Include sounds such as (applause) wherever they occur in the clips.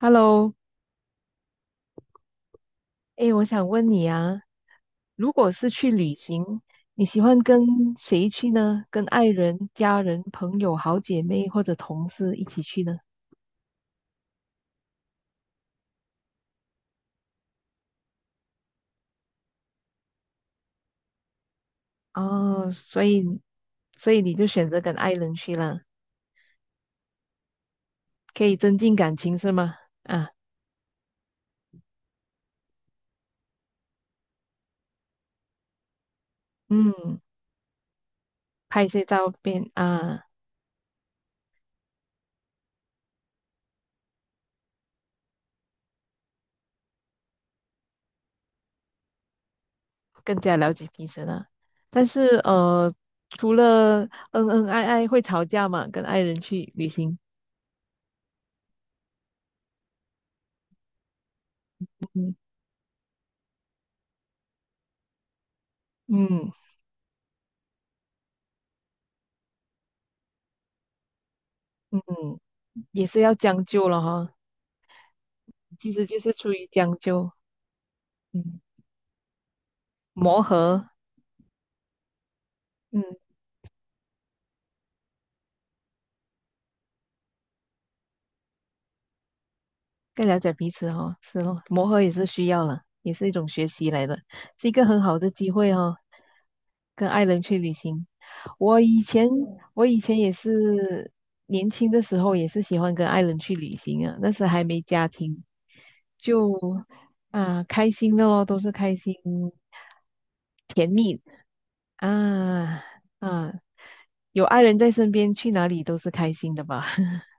Hello，哎，我想问你啊，如果是去旅行，你喜欢跟谁去呢？跟爱人、家人、朋友、好姐妹或者同事一起去呢？哦，所以你就选择跟爱人去了，可以增进感情是吗？啊，嗯，拍一些照片啊，更加了解彼此了。但是除了恩恩爱爱会吵架嘛，跟爱人去旅行，嗯嗯嗯，也是要将就了哈。其实就是出于将就，嗯，磨合，嗯，更了解彼此哦，是哦，磨合也是需要了，也是一种学习来的，是一个很好的机会哦，跟爱人去旅行。我以前我以前也是年轻的时候也是喜欢跟爱人去旅行啊，那时还没家庭，就啊开心的咯，都是开心甜蜜啊啊，有爱人在身边，去哪里都是开心的吧？(laughs)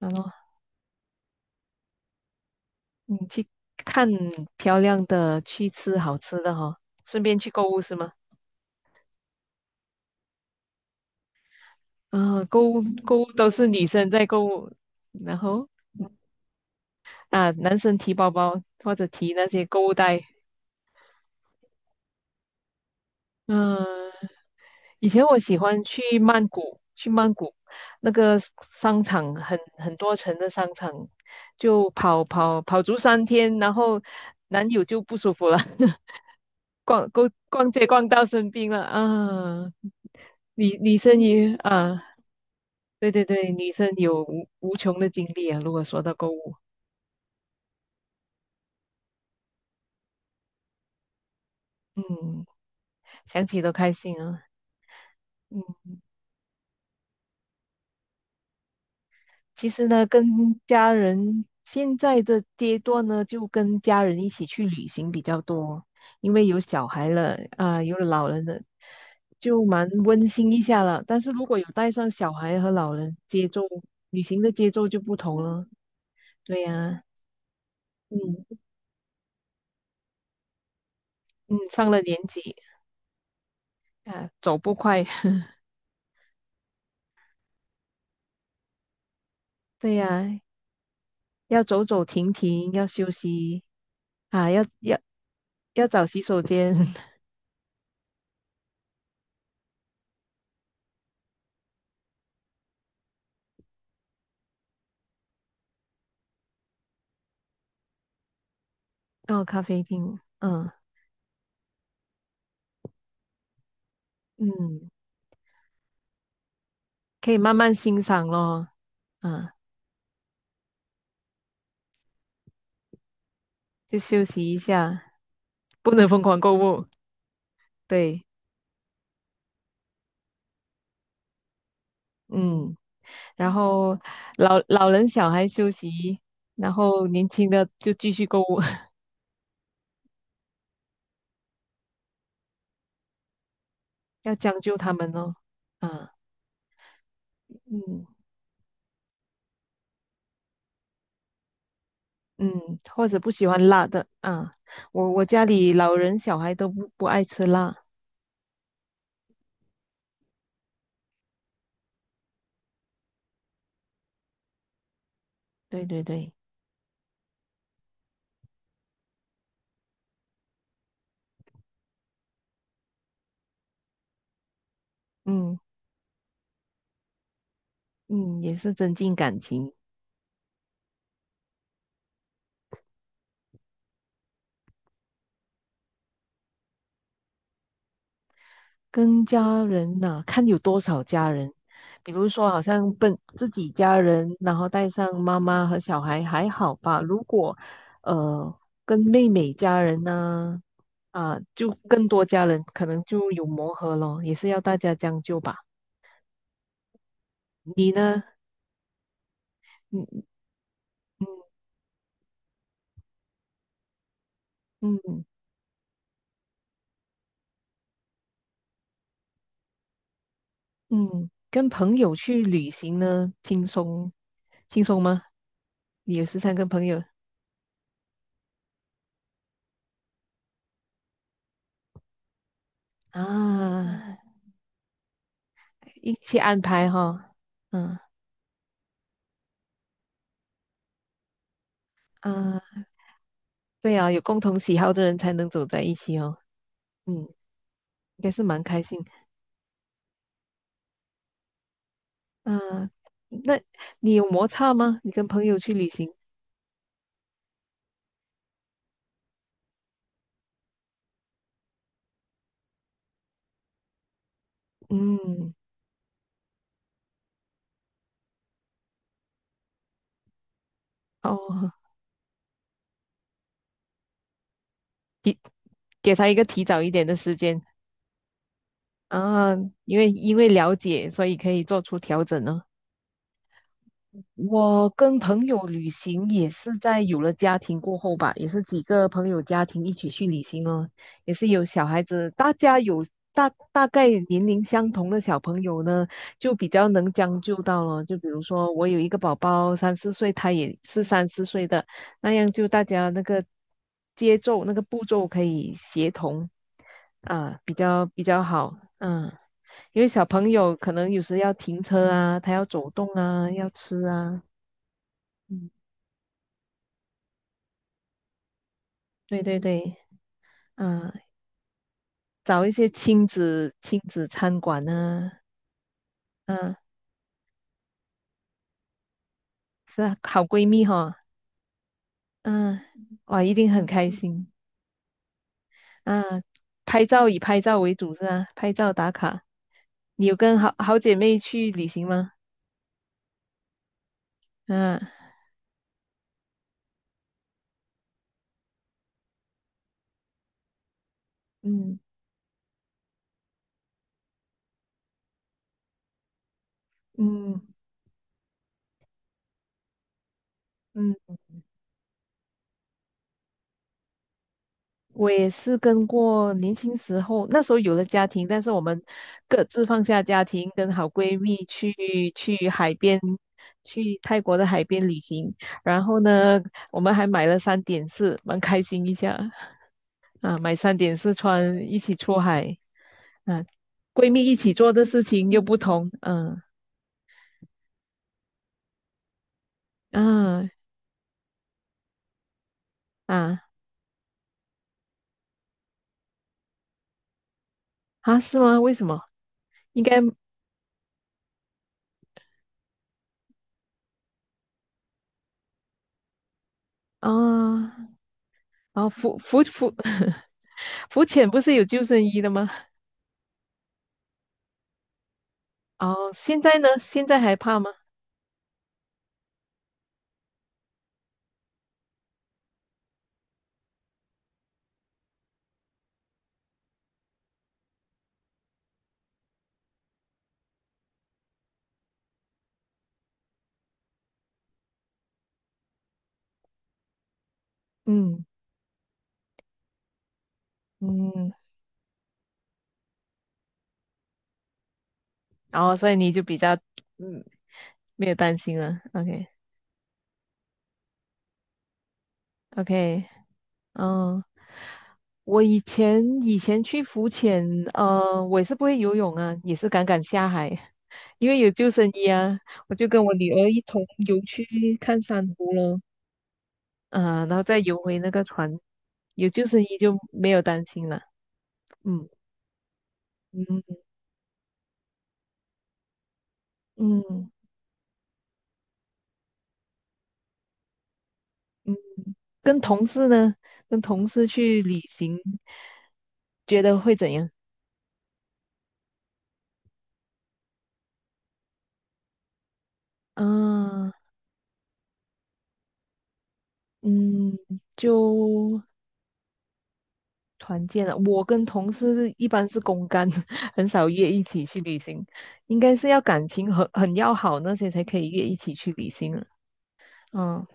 然后你去看漂亮的，去吃好吃的哈、顺便去购物是吗？啊，购物购物都是女生在购物，然后啊，男生提包包或者提那些购物袋，嗯、以前我喜欢去曼谷，去曼谷那个商场很多层的商场，就跑跑跑足3天，然后男友就不舒服了，(laughs) 逛逛逛街逛到生病了啊！女生也啊，对对对，女生有无穷的精力啊。如果说到购物，嗯，想起都开心啊。嗯，其实呢，跟家人现在的阶段呢，就跟家人一起去旅行比较多，因为有小孩了啊、有老人了，就蛮温馨一下了。但是如果有带上小孩和老人，旅行的节奏就不同了。对呀、嗯嗯，上了年纪啊，走不快。(laughs) 对呀、要走走停停，要休息啊，要找洗手间，(laughs) 到咖啡厅，嗯嗯。可以慢慢欣赏咯，嗯，就休息一下，不能疯狂购物，对，嗯，然后老人小孩休息，然后年轻的就继续购物，(laughs) 要将就他们咯，啊，嗯嗯，或者不喜欢辣的，啊，我家里老人小孩都不爱吃辣，对对对，嗯嗯，也是增进感情。跟家人呐、看有多少家人。比如说，好像本自己家人，然后带上妈妈和小孩还好吧。如果呃跟妹妹家人呢、啊，就更多家人，可能就有磨合咯，也是要大家将就吧。你呢？嗯嗯嗯嗯，嗯跟朋友去旅行呢，轻松吗？你有时常跟朋友啊一起安排哈，嗯啊。对啊，有共同喜好的人才能走在一起哦。嗯，应该是蛮开心。啊，那你有摩擦吗？你跟朋友去旅行？嗯，哦，给给他一个提早一点的时间啊，因为了解，所以可以做出调整呢、我跟朋友旅行也是在有了家庭过后吧，也是几个朋友家庭一起去旅行哦，也是有小孩子，大家有大概年龄相同的小朋友呢，就比较能将就到了。就比如说我有一个宝宝三四岁，他也是三四岁的，那样就大家那个节奏那个步骤可以协同啊，比较好，嗯。因为小朋友可能有时要停车啊，他要走动啊，要吃啊，嗯，对对对，嗯、找一些亲子餐馆呢，嗯、是啊，好闺蜜哈，嗯、哇，一定很开心，啊，拍照以拍照为主是啊，拍照打卡。你有跟好姐妹去旅行吗？嗯、嗯，嗯嗯我也是跟过年轻时候，那时候有了家庭，但是我们各自放下家庭，跟好闺蜜去海边，去泰国的海边旅行。然后呢，我们还买了三点式，蛮开心一下啊，买三点式穿，一起出海啊，闺蜜一起做的事情又不同，嗯嗯啊啊，是吗？为什么？应该啊，啊浮浮浮 (laughs) 浮潜不是有救生衣的吗？哦，现在呢？现在还怕吗？嗯嗯，然后所以你就比较嗯没有担心了。OK OK，嗯，我以前去浮潜，我也是不会游泳啊，也是敢下海，因为有救生衣啊，我就跟我女儿一同游去看珊瑚咯，啊、然后再游回那个船，有救生衣就没有担心了。嗯嗯嗯嗯。跟同事呢，跟同事去旅行，觉得会怎样？啊，嗯，就团建了。我跟同事一般是公干，(laughs) 很少约一起去旅行，应该是要感情很要好那些才可以约一起去旅行了。嗯、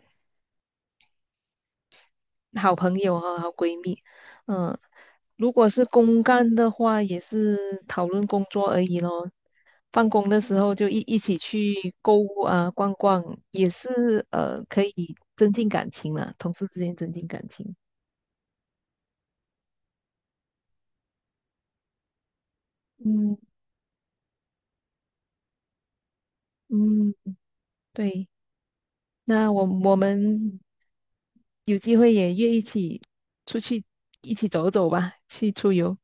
好朋友和好闺蜜，嗯，如果是公干的话，也是讨论工作而已咯。办公的时候就一起去购物啊，逛逛，也是可以增进感情了，同事之间增进感情。嗯嗯，对，那我们有机会也约一起出去一起走走吧，去出游。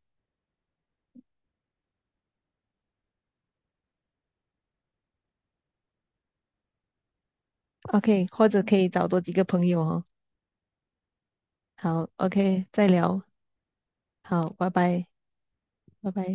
OK，或者可以找多几个朋友哦。好，OK，再聊。好，拜拜。拜拜。